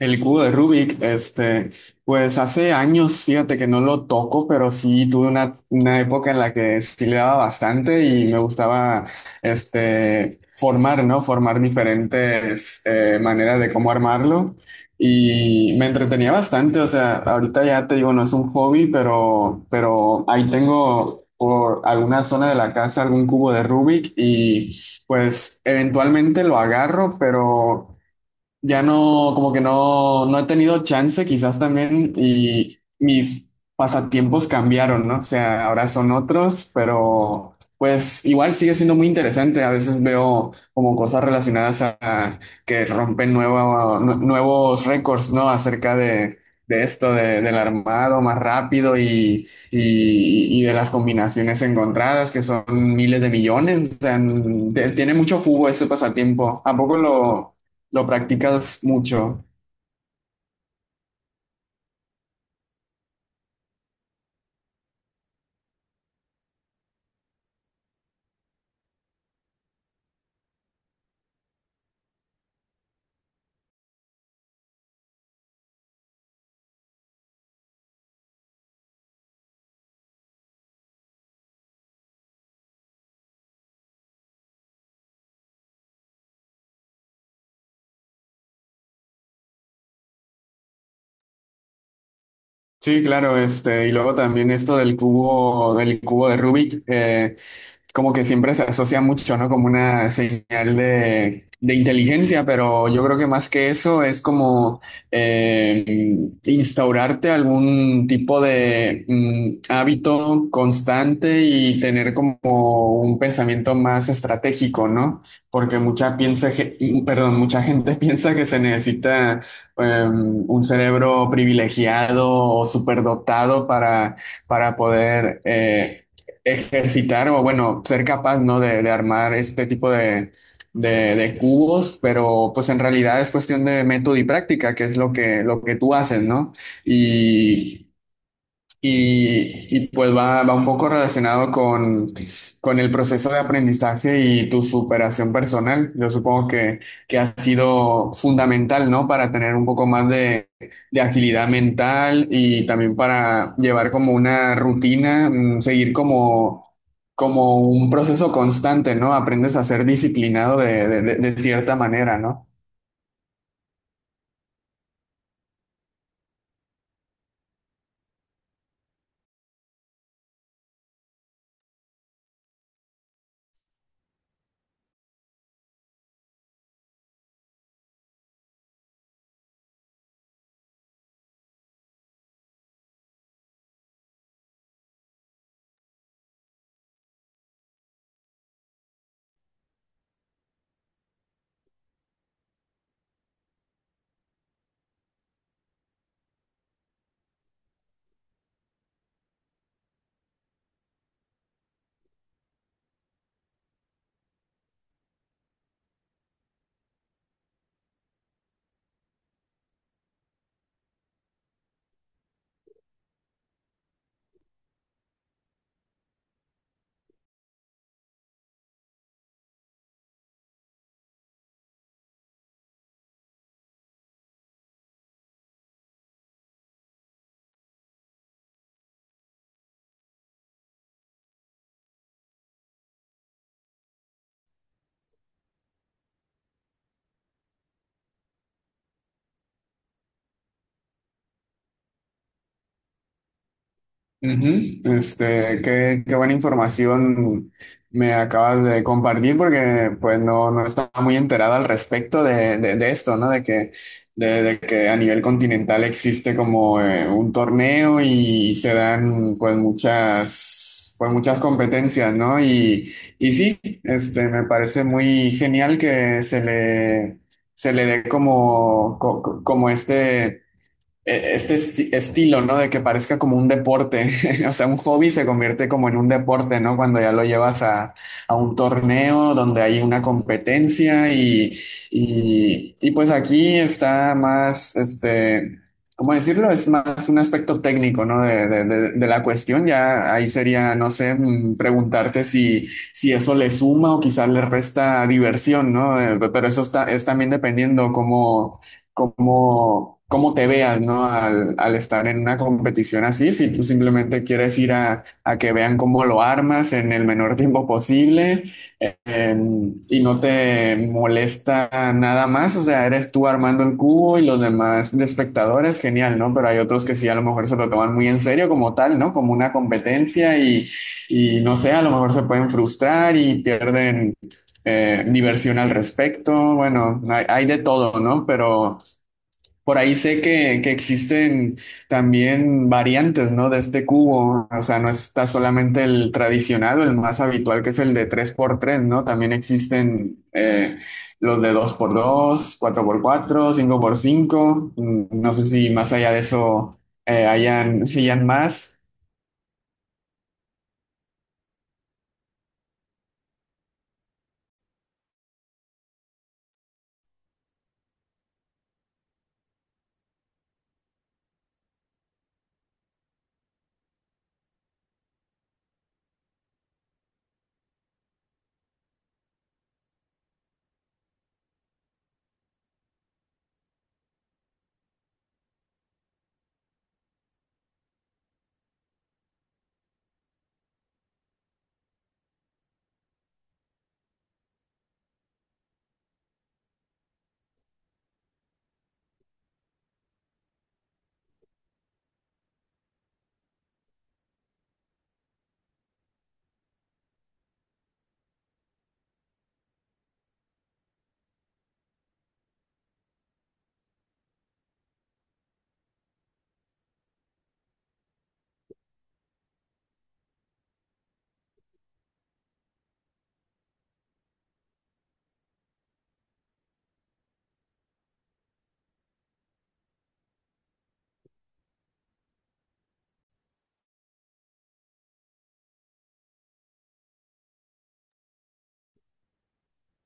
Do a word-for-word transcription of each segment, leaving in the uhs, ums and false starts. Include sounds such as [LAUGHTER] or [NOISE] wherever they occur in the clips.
El cubo de Rubik, este, pues hace años, fíjate que no lo toco, pero sí tuve una, una época en la que sí le daba bastante y me gustaba, este, formar, ¿no? Formar diferentes eh, maneras de cómo armarlo y me entretenía bastante. O sea, ahorita ya te digo, no es un hobby, pero, pero ahí tengo por alguna zona de la casa algún cubo de Rubik y pues eventualmente lo agarro, pero ya no, como que no, no he tenido chance, quizás también, y mis pasatiempos cambiaron, ¿no? O sea, ahora son otros, pero pues igual sigue siendo muy interesante. A veces veo como cosas relacionadas a, a que rompen nuevo nue- nuevos récords, ¿no? Acerca de... de esto, de- del armado más rápido y, y, y de las combinaciones encontradas, que son miles de millones. O sea, n- te- tiene mucho jugo ese pasatiempo. ¿A poco lo, lo practicas mucho? Sí, claro, este, y luego también esto del cubo, del cubo de Rubik, eh, como que siempre se asocia mucho, ¿no? Como una señal de, de inteligencia, pero yo creo que más que eso es como eh, instaurarte algún tipo de mm, hábito constante y tener como un pensamiento más estratégico, ¿no? Porque mucha piensa, ge- perdón, mucha gente [LAUGHS] piensa que se necesita um, un cerebro privilegiado o superdotado para, para poder eh, ejercitar o, bueno, ser capaz, ¿no? De, de armar este tipo de, de, de cubos, pero pues en realidad es cuestión de método y práctica, que es lo que, lo que tú haces, ¿no? Y, y, y, pues va, va un poco relacionado con, con el proceso de aprendizaje y tu superación personal. Yo supongo que, que ha sido fundamental, ¿no? Para tener un poco más de, de agilidad mental, y también para llevar como una rutina, mm, seguir como, como un proceso constante, ¿no? Aprendes a ser disciplinado de, de de- de cierta manera, ¿no? Ujú. Este, qué, qué buena información me acabas de compartir, porque pues no, no estaba muy enterada al respecto de, de- de esto, ¿no? De que, de, de que a nivel continental existe como eh, un torneo y se dan pues muchas, pues muchas competencias, ¿no? Y, y sí, este, me parece muy genial que se le, se le dé como, co- co- como este eh, este esti- estilo, ¿no? De que parezca como un deporte. [LAUGHS] O sea, un hobby se convierte como en un deporte, ¿no? Cuando ya lo llevas a, a un torneo donde hay una competencia y, y, y pues aquí está más, este, ¿cómo decirlo? Es más un aspecto técnico, ¿no? De, de- de- de la cuestión. Ya ahí sería, no sé, mm, preguntarte si, si eso le suma o quizás le resta diversión, ¿no? Eh, Pero eso está, es también dependiendo cómo cómo, cómo te veas, ¿no? Al, al estar en una competición así, si tú simplemente quieres ir a, a que vean cómo lo armas en el menor tiempo posible, eh, em, y no te molesta nada más, o sea, eres tú armando el cubo y los demás de espectadores, genial, ¿no? Pero hay otros que sí a lo mejor se lo toman muy en serio como tal, ¿no? Como una competencia y, y no sé, a lo mejor se pueden frustrar y pierden eh, diversión al respecto. Bueno, hay, hay de todo, ¿no? Pero por ahí sé que, que existen también variantes, ¿no? De este cubo. O sea, no está solamente el tradicional o el más habitual, que es el de tres por tres. No. También existen eh, los de dos por dos, cuatro por cuatro, cinco por cinco. Mm, no sé si más allá de eso eh, hayan, hayan más.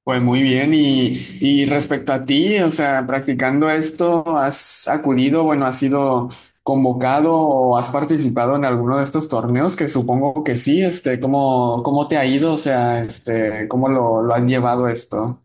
Pues muy bien, y, y respecto a ti, o sea, practicando esto, ¿has acudido, bueno, has sido convocado o has participado en alguno de estos torneos? Que supongo que sí, este, ¿cómo, cómo te ha ido? O sea, este, ¿cómo lo, lo han llevado esto?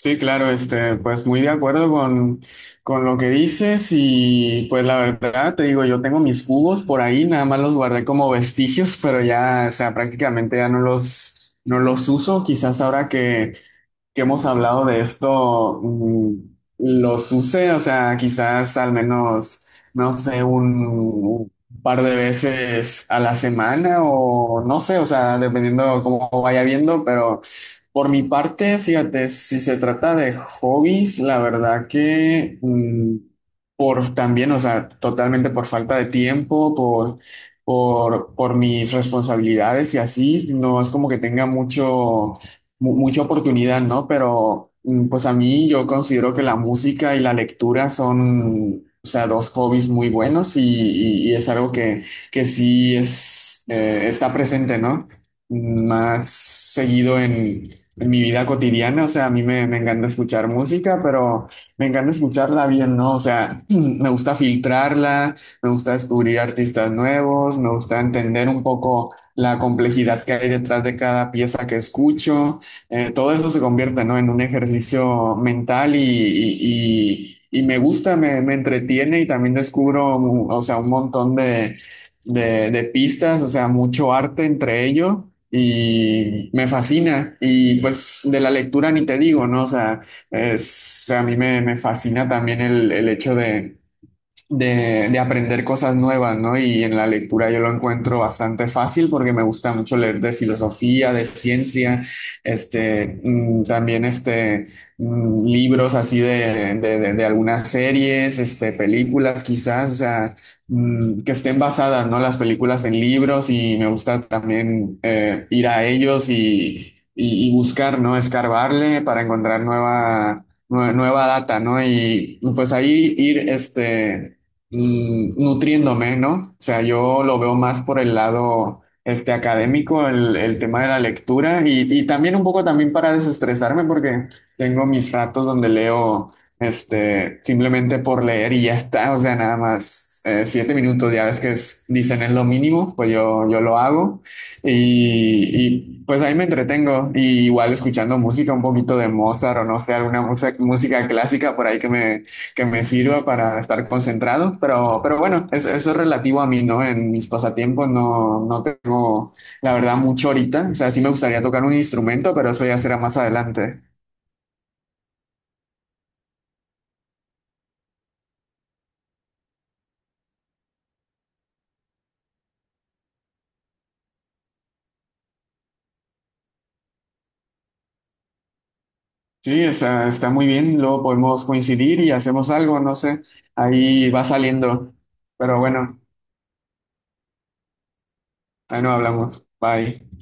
Sí, claro, este, pues muy de acuerdo con, con lo que dices. Y pues la verdad te digo, yo tengo mis cubos por ahí, nada más los guardé como [LAUGHS] vestigios, pero ya, o sea, prácticamente ya no los, no los uso. Quizás ahora que que hemos hablado de esto mm, los use, o sea, quizás al menos, no sé, un, un par de veces a la semana o no sé, o sea, dependiendo cómo vaya viendo. Pero por mi parte, fíjate, si se trata de hobbies, la verdad que mm, por también, o sea, totalmente por falta de tiempo, por Por, por mis responsabilidades y así, no es como que tenga mucho mu- mucha oportunidad, ¿no? Pero mm, pues a mí yo considero que la música y la lectura son, o sea, dos hobbies muy buenos, y, y- y es algo que, que sí es, eh, está presente, ¿no? Más seguido en, en mi vida cotidiana. O sea, a mí me, me encanta escuchar música, pero me encanta escucharla bien, ¿no? O sea, [CLEARS THROAT] me gusta filtrarla, me gusta descubrir artistas nuevos, me gusta entender un poco la complejidad que hay detrás de cada pieza que escucho. Eh, todo eso se convierte, ¿no? En un ejercicio mental, y, y- y- y me gusta, me, me entretiene, y también descubro, o sea, un montón de, de- de pistas, o sea, mucho arte entre ello y me fascina. Y pues de la lectura ni te digo, ¿no? O sea, es- a mí me, me fascina también el, el hecho de de, de aprender cosas nuevas, ¿no? Y en la lectura yo lo encuentro bastante fácil porque me gusta mucho leer de filosofía, de ciencia, este, mm, también este, mm, libros así de, de, de- de algunas series, este, películas quizás, o sea, mm, que estén basadas, ¿no? Las películas en libros. Y me gusta también eh, ir a ellos y, y- y buscar, ¿no? Escarbarle para encontrar nueva... nue- nueva data, ¿no? Y pues ahí ir, este, mm, nutriéndome, ¿no? O sea, yo lo veo más por el lado este, académico, el, el tema de la lectura. Y, y también un poco también para desestresarme, porque tengo mis ratos donde leo este, simplemente por leer y ya está. O sea, nada más eh, siete minutos, ya ves que es- dicen es lo mínimo, pues yo, yo lo hago. y, y, pues ahí me entretengo, y igual escuchando música, un poquito de Mozart o no sé, alguna musa- música clásica por ahí que me que me sirva para estar concentrado. pero, pero bueno, eso, eso es relativo a mí, ¿no? En mis pasatiempos no, no tengo, la verdad, mucho ahorita. O sea, sí me gustaría tocar un instrumento, pero eso ya será más adelante. Sí, o sea, está muy bien, luego podemos coincidir y hacemos algo, no sé, ahí va saliendo. Pero bueno, ahí nos hablamos. Bye.